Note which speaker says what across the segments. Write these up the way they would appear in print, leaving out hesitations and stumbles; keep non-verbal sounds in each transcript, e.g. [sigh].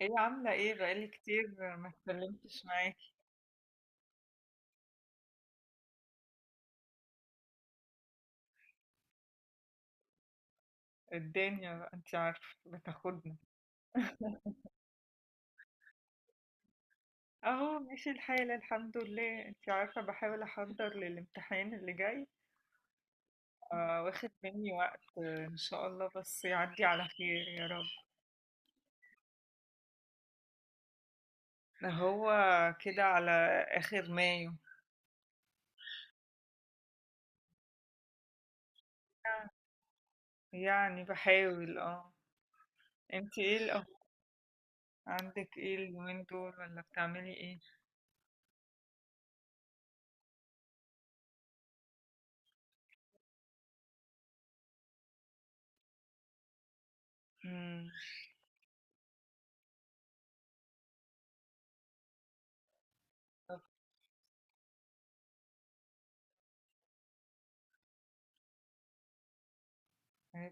Speaker 1: ايه عاملة ايه؟ بقالي كتير ما اتكلمتش معاكي. الدنيا بقى انت عارفة بتاخدنا. [laughs] اهو ماشي الحال الحمد لله، انت عارفة بحاول احضر للامتحان اللي جاي. آه، واخد مني وقت. ان شاء الله بس يعدي على خير يا رب. ده هو كده على اخر مايو. يعني بحاول انت ايه الاخبار؟ عندك ايه اليومين دول؟ ولا بتعملي ايه؟ امم،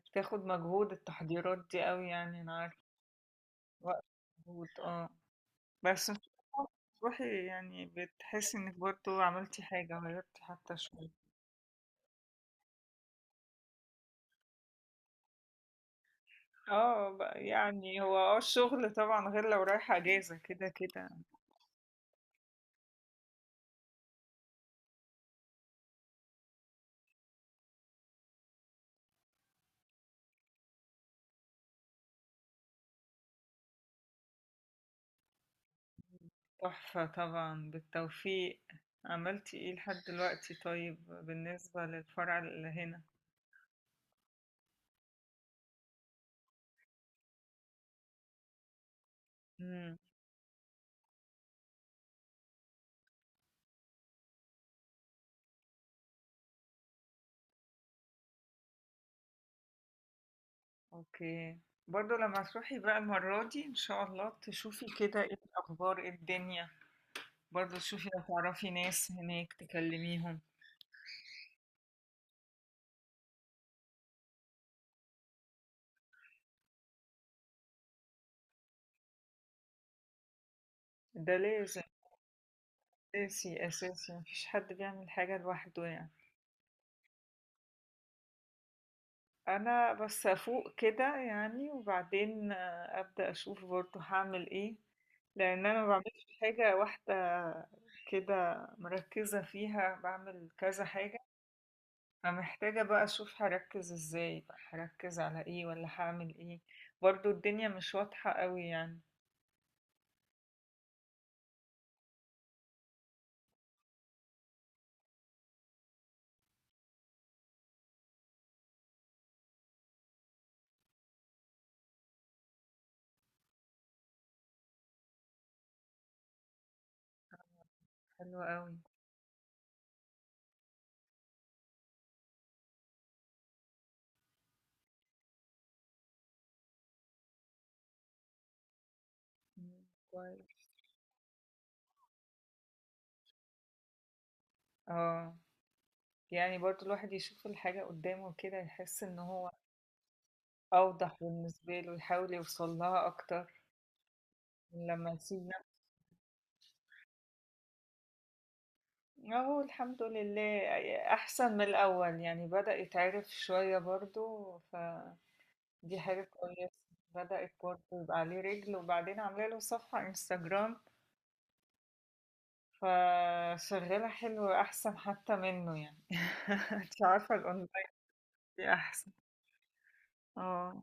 Speaker 1: بتاخد مجهود التحضيرات دي قوي، يعني انا وقت، مجهود بس إن شاء الله. تروحي يعني بتحسي انك برضو عملتي حاجة، غيرتي حتى شوية. اه بقى، يعني هو الشغل طبعا غير لو رايحة اجازة كده كده. تحفة طبعا، بالتوفيق. عملتي ايه لحد دلوقتي؟ طيب بالنسبة للفرع اللي هنا؟ امم، اوكي. برضو لما تروحي بقى المرة دي ان شاء الله تشوفي كده ايه الاخبار، ايه الدنيا. برضو تشوفي لو تعرفي ناس هناك تكلميهم. ده لازم. أساسي، أساسي، ما فيش حد بيعمل حاجة لوحده يعني. أنا بس أفوق كده يعني، وبعدين أبدأ أشوف برضه هاعمل إيه، لأن أنا ما باعملش حاجة واحدة كده مركّزة فيها، باعمل كذا حاجة، فمحتاجة بقى أشوف هاركّز إزاي بقى، هاركّز على إيه والّا هاعمل إيه. برضه الدنيا مش واضحة أوي يعني. حلو أوي. إمم، كويس. آه، يعني برضه الواحد يشوف الحاجة قدّامه كده يحس إن هو أوضح بالنسبة له، يحاول يوصل لها أكتر من لمّا يسيبنا. أهو الحمد لله، يعني أحسن من الأول، يعني بدأ يتعرف شوية برضه، فدي حاجة كويسة. بدأت برضه يبقى عليه رِجل، وبعدين عاملة له صفحة Instagram، فشغّالة حلو أحسن حتى منّه يعني. [laughs] أنتِ عارفة الأونلاين دي أحسن. آه.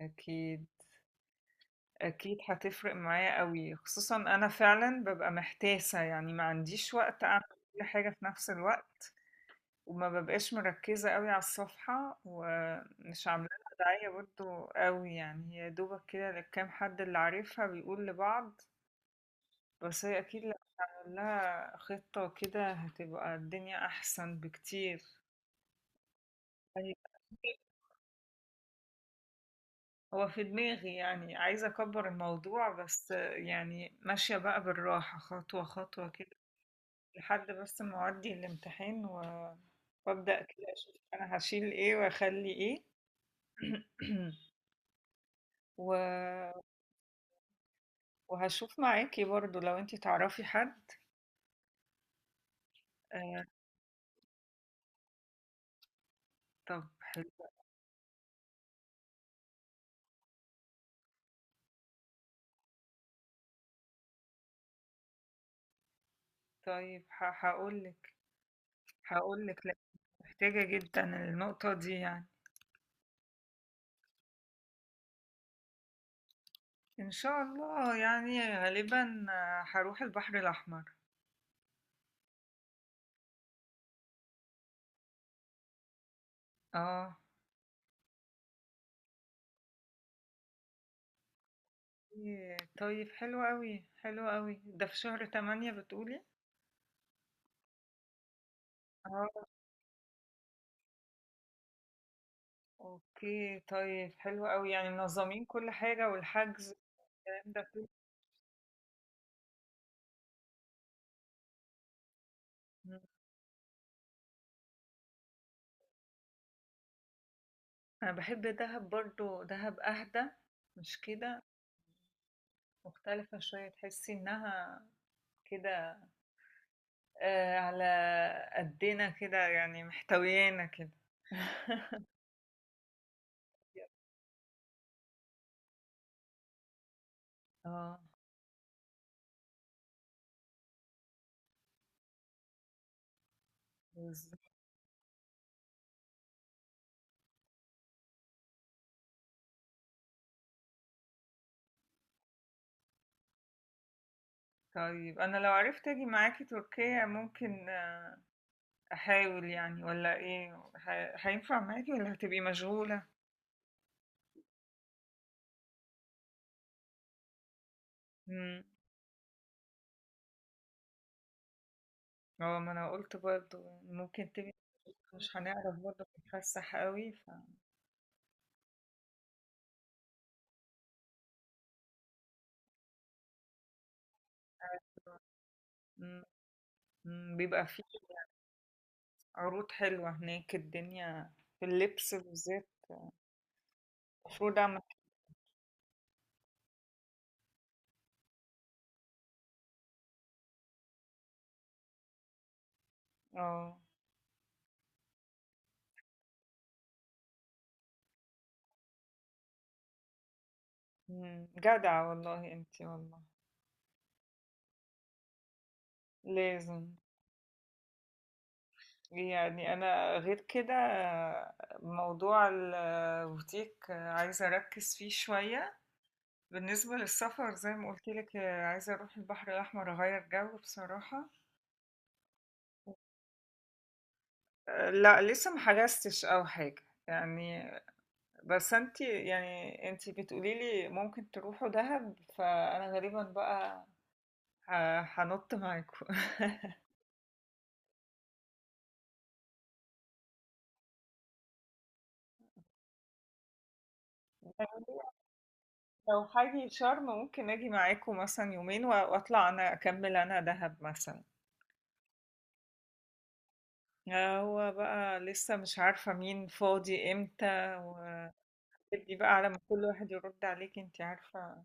Speaker 1: أكيد. أكيد هتفرق معايا أوي، خصوصًا أنا فعلًا بابقى محتاسة، يعني ما عنديش وقت أعمل كل حاجة في نفس الوقت، وما بابقاش مركزة أوي على الصفحة، ومش عاملة لها داعية برضه أوي يعني. هي يا دوبك كده للكام حد اللي عارفها بيقول لبعض، بس هي أكيد لو عمل لها خطة كده هتبقى الدنيا أحسن بكتير. أيوه. هو في دماغي يعني، عايزة أكبّر الموضوع، بس يعني ماشية بقى بالراحة خطوة، خطوة كده. لحد بس ما اودي الامتحان وابدا كده اشوف انا هشيل ايه واخلي ايه. [clears throat] و... وهشوف معاكي برضو لو انتي تعرفي حد. آه. طب حلو. طيب ه... هقولك هقولك لأ، محتاجة جدا النقطة دي يعني. ان شاء الله، يعني غالبا هروح البحر الاحمر. اه. إيه، طيب حلو قوي، حلو قوي. ده في شهر تمانية بتقولي؟ آه. اوكي، طيب حلو قوي، يعني منظمين كل حاجة والحجز والكلام ده كله. مم. انا بحب دهب برضو، دهب اهدى، مش كده؟ مختلفة شوية، تحسي انها كده، آه على قدنا كده يعني، محتويانا كده. [laughs] اه، بالظبط. طيب انا لو عرفت اجي معاكي تركيا ممكن احاول يعني، ولا ايه؟ هينفع معاكي ولا هتبقي مشغولة؟ مم. اه، ما انا قلت برضو يعني ممكن تبقى مش هنعرف برضه نتفسح قوي ف... مم. مم. بيبقى فيه عروض حلوة هناك الدنيا في اللبس بالذات، المفروض اعمل. اه. مم. جدعة والله انتي، والله لازم. يعني انا غير كده، موضوع البوتيك عايزة اركز فيه شوية. بالنسبة للسفر زي ما قلت لك، عايزة اروح البحر الاحمر، اغير جو بصراحة. لا لسه ما حجزتش او حاجه يعني، بس انت يعني انت بتقولي لي ممكن تروحوا دهب، فانا غالبا بقى هنط معاكم. [laughs] لو حاجة شرم ممكن اجي معاكم مثلا يومين واطلع انا اكمل انا دهب مثلا. هو بقى لسه مش عارفة مين فاضي امتى ودي بقى على ما كل واحد يرد عليك انت عارفة.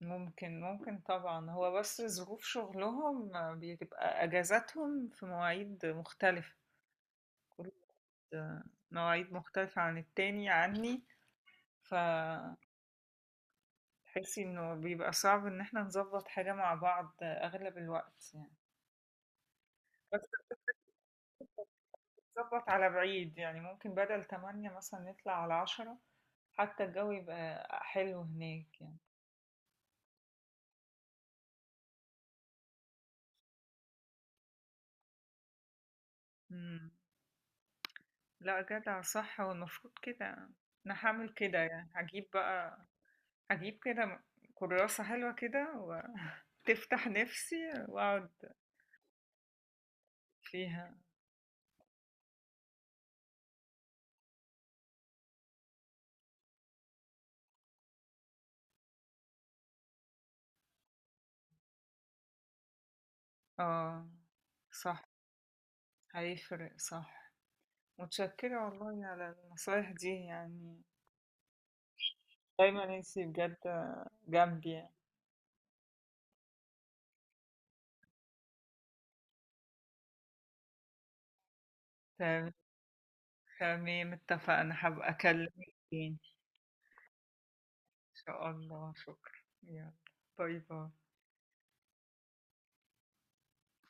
Speaker 1: ممكن، ممكن طبعًا، هو بس ظروف شغلهم بتبقى أجازاتهم في مواعيد مختلفة، كل مواعيد مختلفة عن التاني عني، فتحسي إنه بيبقى صعب إن إحنا نضبّط حاجة مع بعض أغلب الوقت يعني. بس بنضبّط على بعيد، يعني ممكن بدل 08:00 مثلًا نطلع على 10:00 حتى الجو يبقى حلو هناك يعني. إمم، لأ جدع صح، هو المفروض كده. أنا هاعمل كده يعني، هاجيب بقى، اجيب كده كراسة حلوة كده وتفتح [laughs] نفسي واقعد فيها. اه، صح. هيفرق، صح. متشكرة والله على النصايح دي يعني، دايما انتي بجد جنبي يعني. تمام. تمام، اتفقنا، هبقى اكلمك تاني. ان شاء الله، شكرا. يلا، باي باي.